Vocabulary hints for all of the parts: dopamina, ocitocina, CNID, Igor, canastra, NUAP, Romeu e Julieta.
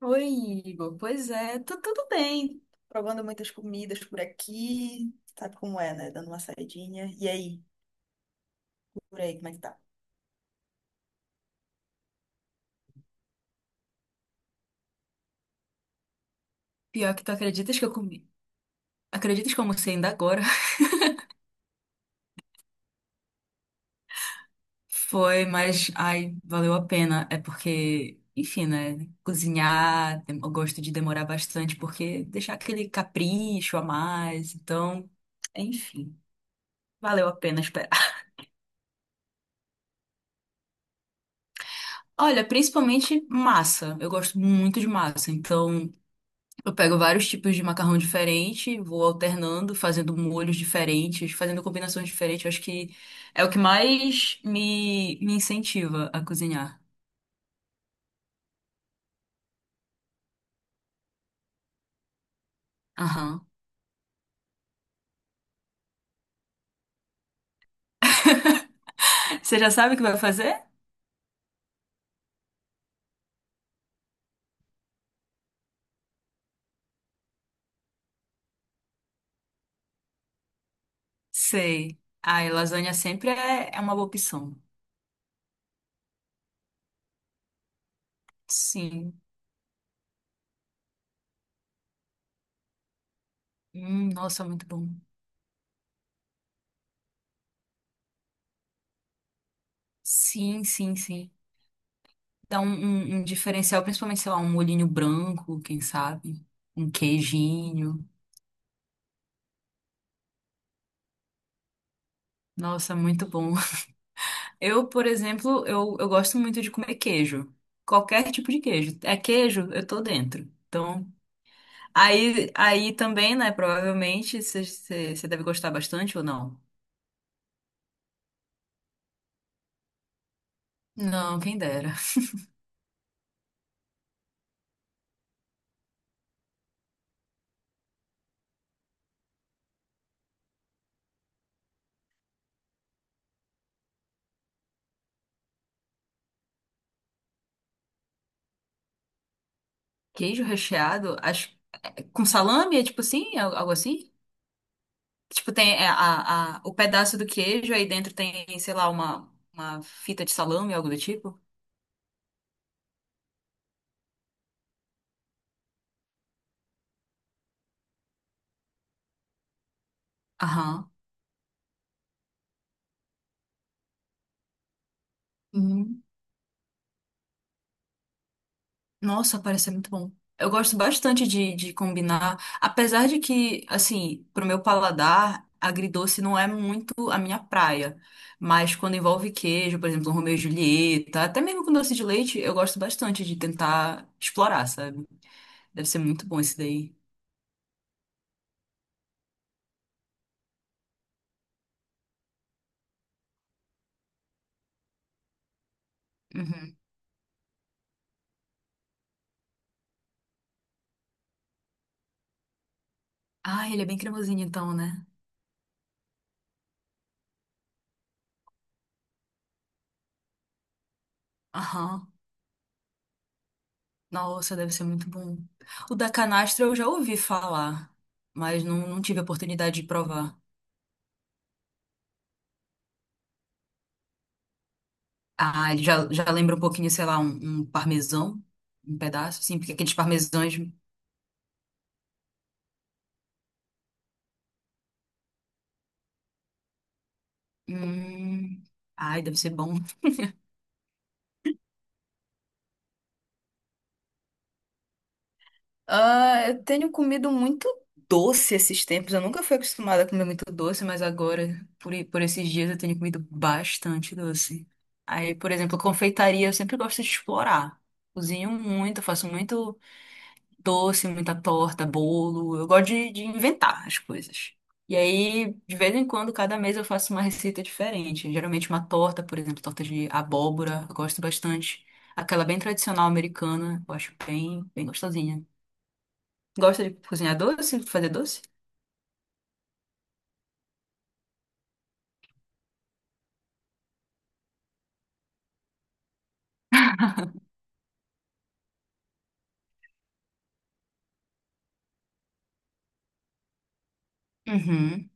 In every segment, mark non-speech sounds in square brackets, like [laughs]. Oi, Igor. Pois é, tá tudo bem. Provando muitas comidas por aqui. Sabe como é, né? Dando uma saidinha. E aí, por aí, como é que tá? Pior que tu acreditas que eu comi. Acreditas que eu almocei ainda agora? [laughs] Foi, mas ai, valeu a pena. É porque, enfim, né? Cozinhar, eu gosto de demorar bastante, porque deixar aquele capricho a mais. Então, enfim, valeu a pena esperar. Olha, principalmente massa. Eu gosto muito de massa. Então, eu pego vários tipos de macarrão diferente, vou alternando, fazendo molhos diferentes, fazendo combinações diferentes. Eu acho que é o que mais me incentiva a cozinhar. Aham. Você já sabe o que vai fazer? Sei. Ai, lasanha sempre é uma boa opção. Sim. Nossa, muito bom. Sim, sim, sim. Dá um diferencial, principalmente, sei lá, um molhinho branco, quem sabe? Um queijinho. Nossa, muito bom. Eu, por exemplo, eu gosto muito de comer queijo. Qualquer tipo de queijo. É queijo, eu tô dentro. Então, aí também, né? Provavelmente você deve gostar bastante ou não? Não, quem dera. Queijo recheado, acho, com salame, é tipo assim, algo assim? Tipo, tem é, o pedaço do queijo, aí dentro tem, sei lá, uma fita de salame, algo do tipo? Aham. Nossa, parece ser muito bom. Eu gosto bastante de combinar, apesar de que, assim, pro meu paladar, agridoce não é muito a minha praia. Mas quando envolve queijo, por exemplo, um Romeu e Julieta, até mesmo com doce de leite, eu gosto bastante de tentar explorar, sabe? Deve ser muito bom esse daí. Uhum. Ah, ele é bem cremosinho então, né? Aham. Nossa, deve ser muito bom. O da canastra eu já ouvi falar, mas não tive a oportunidade de provar. Ah, ele já lembra um pouquinho, sei lá, um parmesão, um pedaço, assim, porque aqueles parmesões. Hum, ai, deve ser bom. Ah, eu tenho comido muito doce esses tempos. Eu nunca fui acostumada a comer muito doce, mas agora, por esses dias, eu tenho comido bastante doce. Aí, por exemplo, confeitaria, eu sempre gosto de explorar. Cozinho muito, faço muito doce, muita torta, bolo. Eu gosto de inventar as coisas. E aí, de vez em quando, cada mês eu faço uma receita diferente. Geralmente uma torta, por exemplo, torta de abóbora, eu gosto bastante. Aquela bem tradicional americana, eu acho bem gostosinha. Gosta de cozinhar doce, fazer doce? Uhum.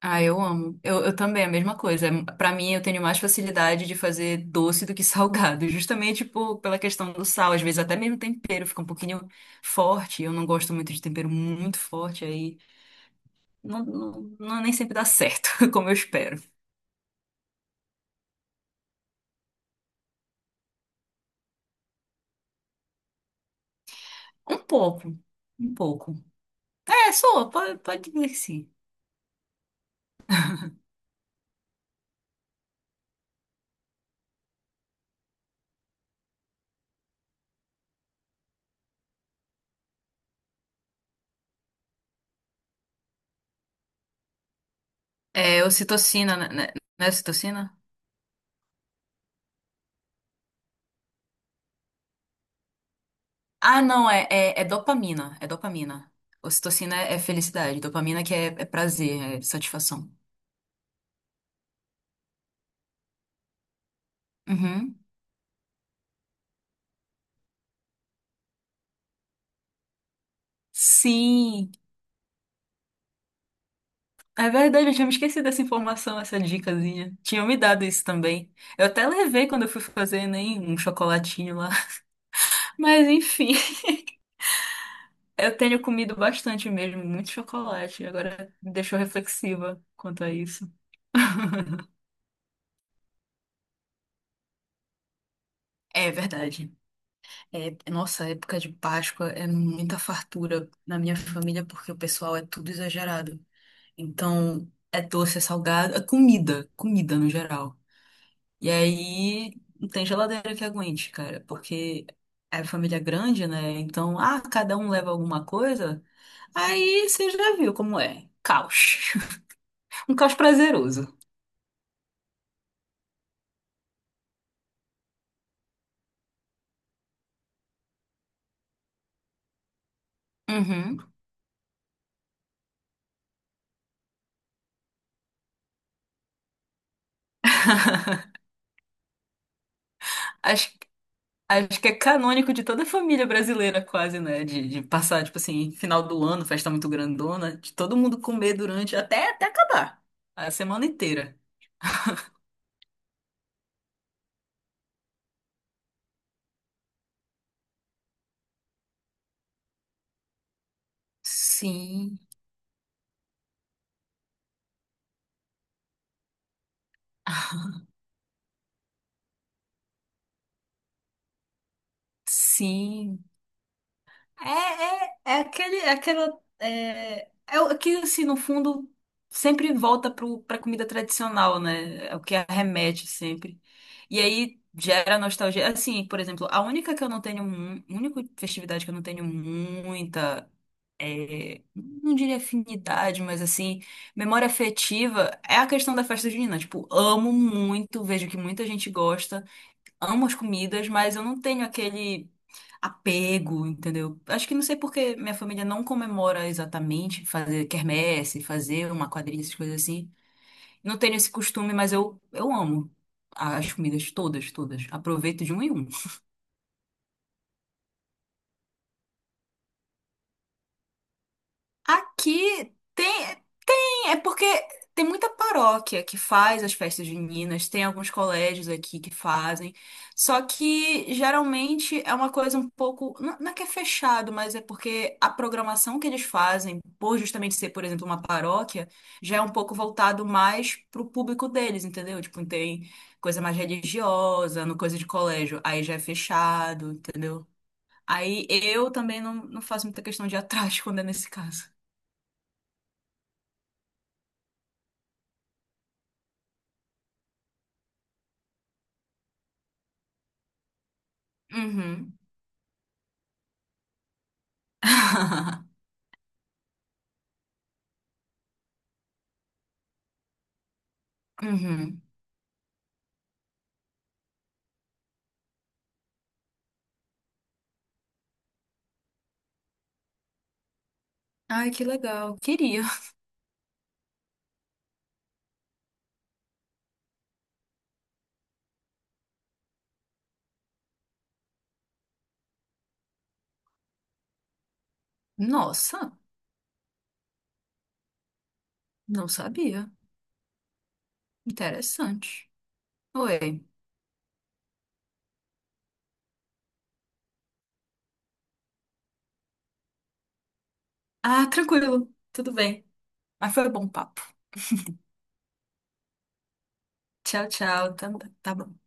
Ah, eu amo. Eu também, a mesma coisa. Pra mim, eu tenho mais facilidade de fazer doce do que [laughs] salgado, justamente pela questão do sal. Às vezes, até mesmo tempero fica um pouquinho forte. Eu não gosto muito de tempero muito forte, aí nem sempre dá certo, [laughs] como eu espero. Um pouco, um pouco. É, sou, pode dizer que sim. É, ocitocina, né? Não é ocitocina? Ah, não, é dopamina. É dopamina. Ocitocina é felicidade, dopamina que é prazer, é satisfação. Uhum. Sim, é verdade, eu tinha me esquecido dessa informação, essa dicasinha. Tinham me dado isso também. Eu até levei quando eu fui fazer nem um chocolatinho lá. [laughs] Mas enfim, eu tenho comido bastante mesmo, muito chocolate. Agora me deixou reflexiva quanto a isso. [laughs] É verdade. É, nossa, época de Páscoa é muita fartura na minha família porque o pessoal é tudo exagerado. Então, é doce, é salgado, é comida, comida no geral. E aí não tem geladeira que aguente, cara, porque é família grande, né? Então, ah, cada um leva alguma coisa. Aí você já viu como é. Caos. [laughs] Um caos prazeroso. Uhum. Acho, acho que é canônico de toda a família brasileira, quase, né? De passar, tipo assim, final do ano, festa muito grandona, de todo mundo comer durante até acabar a semana inteira. Sim, sim. É, é, é aquele, é aquela, é, é o que, assim, no fundo, sempre volta pra comida tradicional, né? É o que arremete sempre. E aí gera nostalgia. Assim, por exemplo, a única que eu não tenho, única festividade que eu não tenho muita, é, não diria afinidade, mas assim, memória afetiva é a questão da festa junina. Tipo, amo muito, vejo que muita gente gosta, amo as comidas, mas eu não tenho aquele apego, entendeu? Acho que não sei porque minha família não comemora exatamente fazer quermesse, fazer uma quadrilha, essas coisas assim. Não tenho esse costume, mas eu amo as comidas todas, todas. Aproveito de um em um. Aqui tem. É porque tem muita paróquia que faz as festas juninas, tem alguns colégios aqui que fazem, só que geralmente é uma coisa um pouco, não não é que é fechado, mas é porque a programação que eles fazem, por justamente ser, por exemplo, uma paróquia, já é um pouco voltado mais pro público deles, entendeu? Tipo, tem coisa mais religiosa, no coisa de colégio, aí já é fechado, entendeu? Aí eu também não faço muita questão de ir atrás quando é nesse caso. Uhum. [laughs] Uhum. Ai, que legal. Queria. Nossa, não sabia. Interessante. Oi. Ah, tranquilo. Tudo bem. Mas foi bom papo. Tchau, tchau. Tá, tá bom.